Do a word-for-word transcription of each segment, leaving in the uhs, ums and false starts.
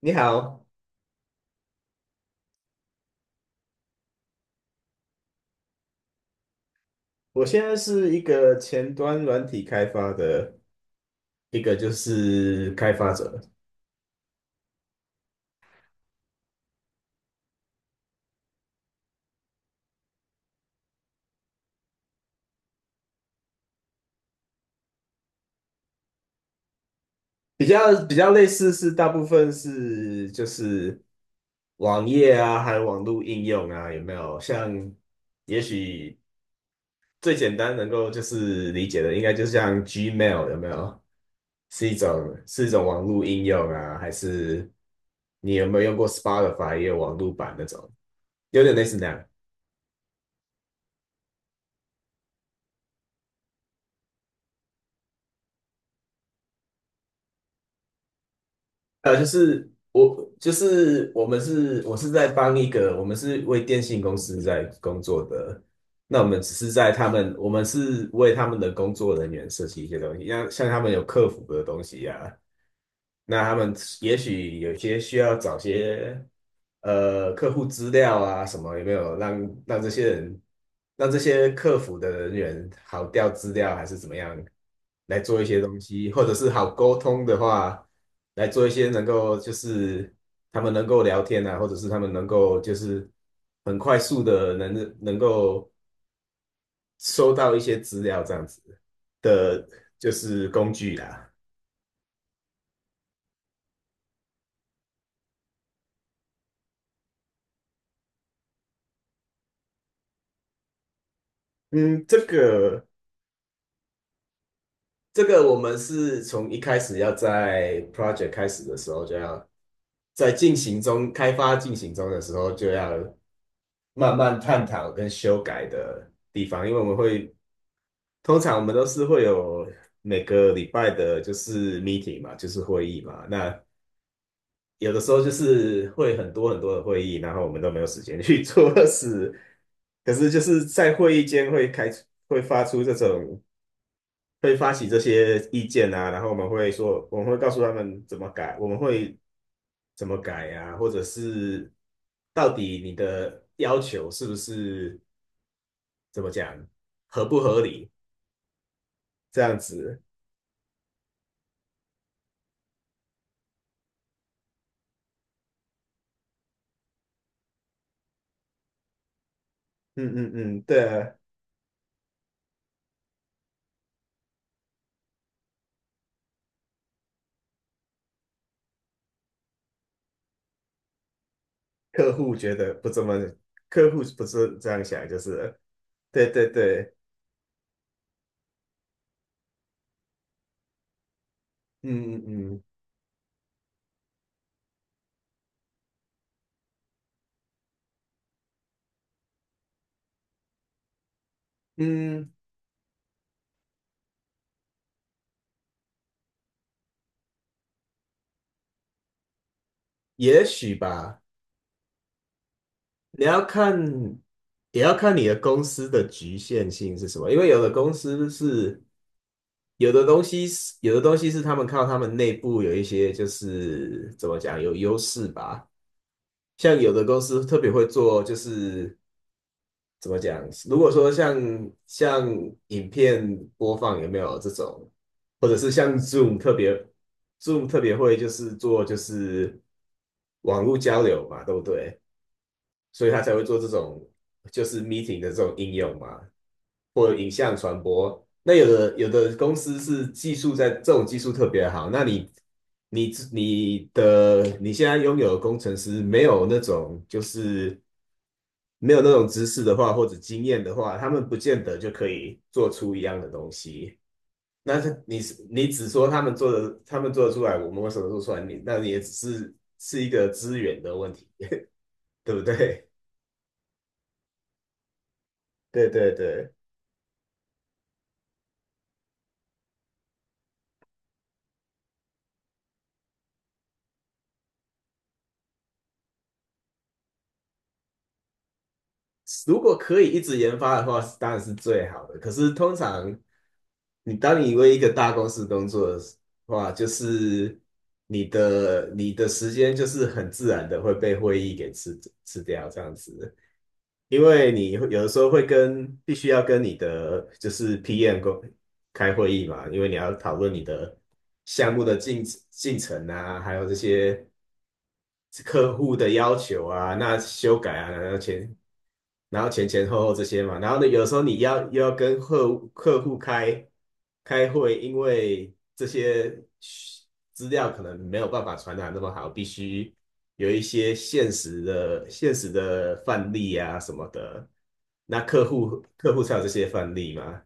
你好，我现在是一个前端软体开发的一个就是开发者，比较比较类似是大部分是就是网页啊，还有网络应用啊，有没有？像也许最简单能够就是理解的，应该就像 Gmail 有没有？是一种是一种网络应用啊，还是你有没有用过 Spotify 也有网络版那种？有点类似那样。呃，就是我，就是我们是，我是在帮一个，我们是为电信公司在工作的。那我们只是在他们，我们是为他们的工作人员设计一些东西，像像他们有客服的东西呀、那他们也许有些需要找些呃客户资料啊什么，有没有让让这些人让这些客服的人员好调资料还是怎么样？来做一些东西，或者是好沟通的话，来做一些能够就是他们能够聊天啊，或者是他们能够就是很快速的能能够收到一些资料这样子的，就是工具啦。嗯，这个这个我们是从一开始要在 project 开始的时候就要在进行中开发进行中的时候就要慢慢探讨跟修改的地方，因为我们会。通常我们都是会有每个礼拜的，就是 meeting 嘛，就是会议嘛。那有的时候就是会很多很多的会议，然后我们都没有时间去 做事。可是就是在会议间会开出会发出这种，会发起这些意见啊，然后我们会说，我们会告诉他们怎么改，我们会怎么改啊，或者是到底你的要求是不是怎么讲，合不合理，这样子。嗯嗯嗯，对啊。客户觉得不怎么，客户不是这样想，就是对对对，嗯嗯嗯嗯，也许吧，你要看，也要看你的公司的局限性是什么，因为有的公司是有的东西是有的东西是他们靠他们内部有一些就是怎么讲有优势吧，像有的公司特别会做就是怎么讲？如果说像像影片播放有没有这种，或者是像 Zoom 特别 Zoom 特别会就是做就是网络交流嘛，对不对？所以他才会做这种就是 meeting 的这种应用嘛，或者影像传播。那有的有的公司是技术在这种技术特别好，那你你你的你现在拥有的工程师没有那种就是没有那种知识的话，或者经验的话，他们不见得就可以做出一样的东西。那是你是你只说他们做的，他们做得出来，我们为什么做出来？你那你也只是是一个资源的问题，对不对？对对对，如果可以一直研发的话，当然是最好的。可是通常你当你为一个大公司工作的话，就是你的你的时间就是很自然的会被会议给吃吃掉这样子，因为你有的时候会跟必须要跟你的就是 P M 工开会议嘛，因为你要讨论你的项目的进进程啊，还有这些客户的要求啊，那修改啊，然后前然后前前后后这些嘛，然后呢，有时候你要又要跟客户客户开开会，因为这些资料可能没有办法传达那么好，必须有一些现实的现实的范例啊什么的，那客户客户才有这些范例嘛。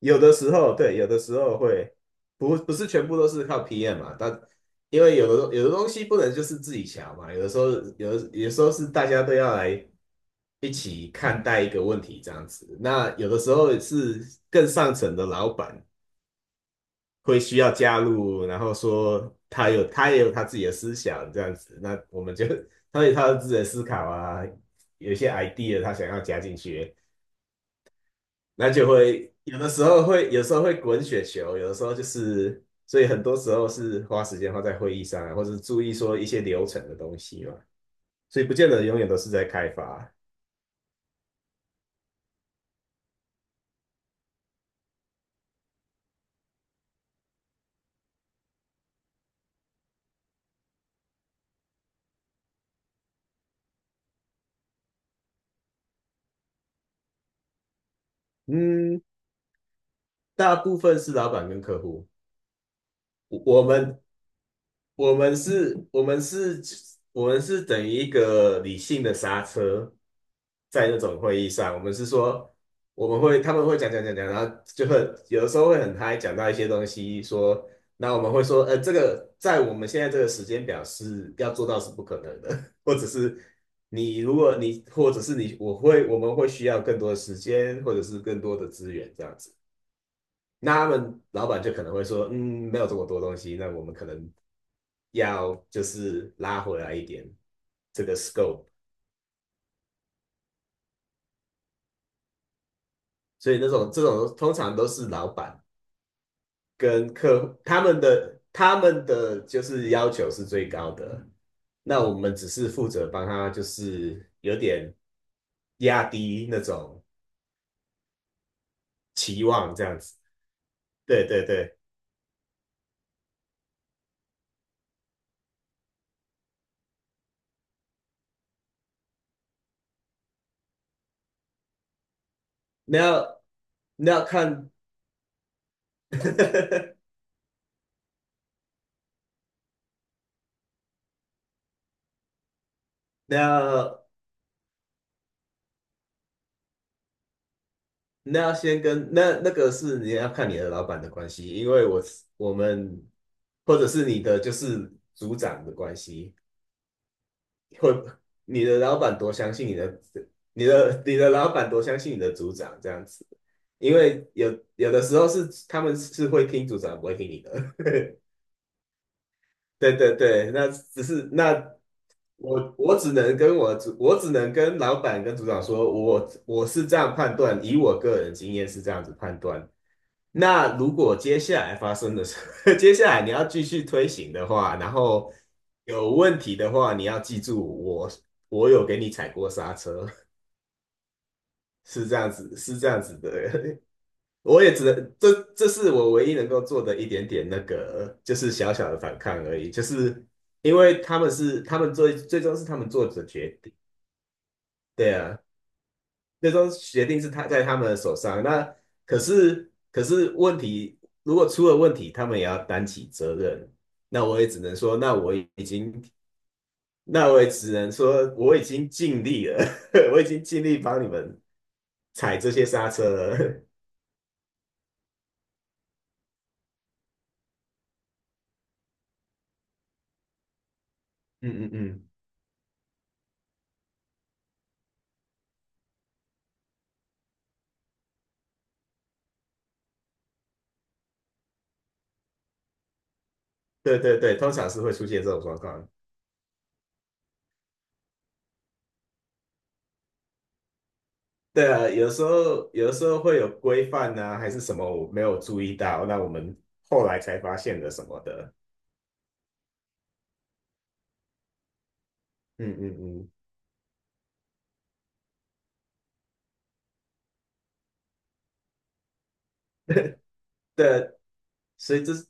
有的时候对，有的时候会不不是全部都是靠 P M 嘛，但因为有的有的东西不能就是自己瞧嘛，有的时候有的有的时候是大家都要来一起看待一个问题这样子。那有的时候是更上层的老板会需要加入，然后说他有他也有他自己的思想这样子，那我们就 他有他的自己的思考啊，有一些 idea 他想要加进去。那就会有的时候会，有时候会滚雪球，有的时候就是，所以很多时候是花时间花在会议上啊或者注意说一些流程的东西嘛，所以不见得永远都是在开发啊。嗯，大部分是老板跟客户，我我们我们是，我们是，我们是等于一个理性的刹车，在那种会议上，我们是说，我们会，他们会讲讲讲讲，然后就会有的时候会很嗨，讲到一些东西，说，那我们会说，呃，这个在我们现在这个时间表是要做到是不可能的，或者是你如果你，或者是你，我会，我们会需要更多的时间，或者是更多的资源这样子。那他们老板就可能会说，嗯，没有这么多东西，那我们可能要就是拉回来一点这个 scope，所以那种这种通常都是老板跟客户他们的他们的就是要求是最高的，那我们只是负责帮他就是有点压低那种期望这样子。对对对，那要那要看 那要那要先跟那那个是你要看你的老板的关系，因为我是我们或者是你的就是组长的关系，或你的老板多相信你的你的你的老板多相信你的组长这样子，因为有有的时候是他们是会听组长不会听你的，对对对，那只是那我我只能跟我主我只能跟老板跟组长说，我我是这样判断，以我个人经验是这样子判断。那如果接下来发生的事，接下来你要继续推行的话，然后有问题的话，你要记住我我有给你踩过刹车，是这样子是这样子的我也只能这这是我唯一能够做的一点点那个，就是小小的反抗而已，就是因为他们是他们最最终是他们做的决定，对啊，最终决定是他在他们的手上。那可是可是问题，如果出了问题，他们也要担起责任。那我也只能说，那我已经，那我也只能说，我已经尽力了，我已经尽力帮你们踩这些刹车了。嗯嗯嗯，对对对，通常是会出现这种状况。对啊，有时候有时候会有规范啊，还是什么我没有注意到，那我们后来才发现的什么的。嗯嗯嗯，对啊，所以这是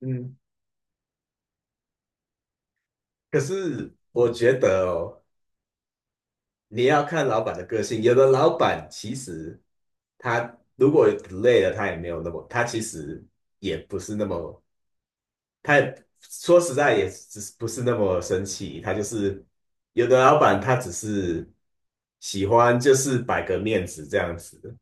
嗯，可是我觉得哦，你要看老板的个性，有的老板其实他如果累了，他也没有那么，他其实也不是那么，他也说实在也只是不是那么生气，他就是有的老板他只是喜欢就是摆个面子这样子。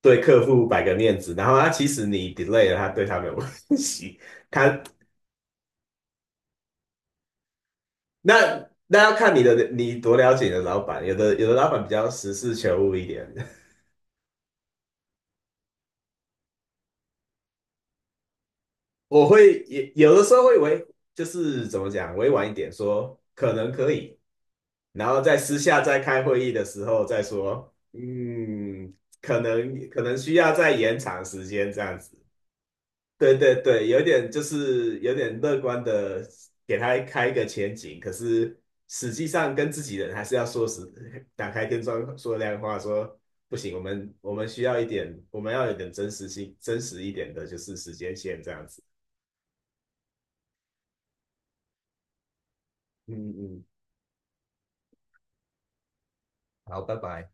对客户摆个面子，然后他其实你 delay 了，他对他没有关系。他那那要看你的你多了解你的老板，有的有的老板比较实事求是一点，我会也有的时候会委就是怎么讲委婉一点说可能可以，然后在私下在开会议的时候再说，嗯，可能可能需要再延长时间这样子。对对对，有点就是有点乐观的给他开一个前景，可是实际上跟自己人还是要说实，打开天窗说亮话，说不行，我们我们需要一点，我们要有点真实性，真实一点的，就是时间线这样子。嗯嗯，好，拜拜。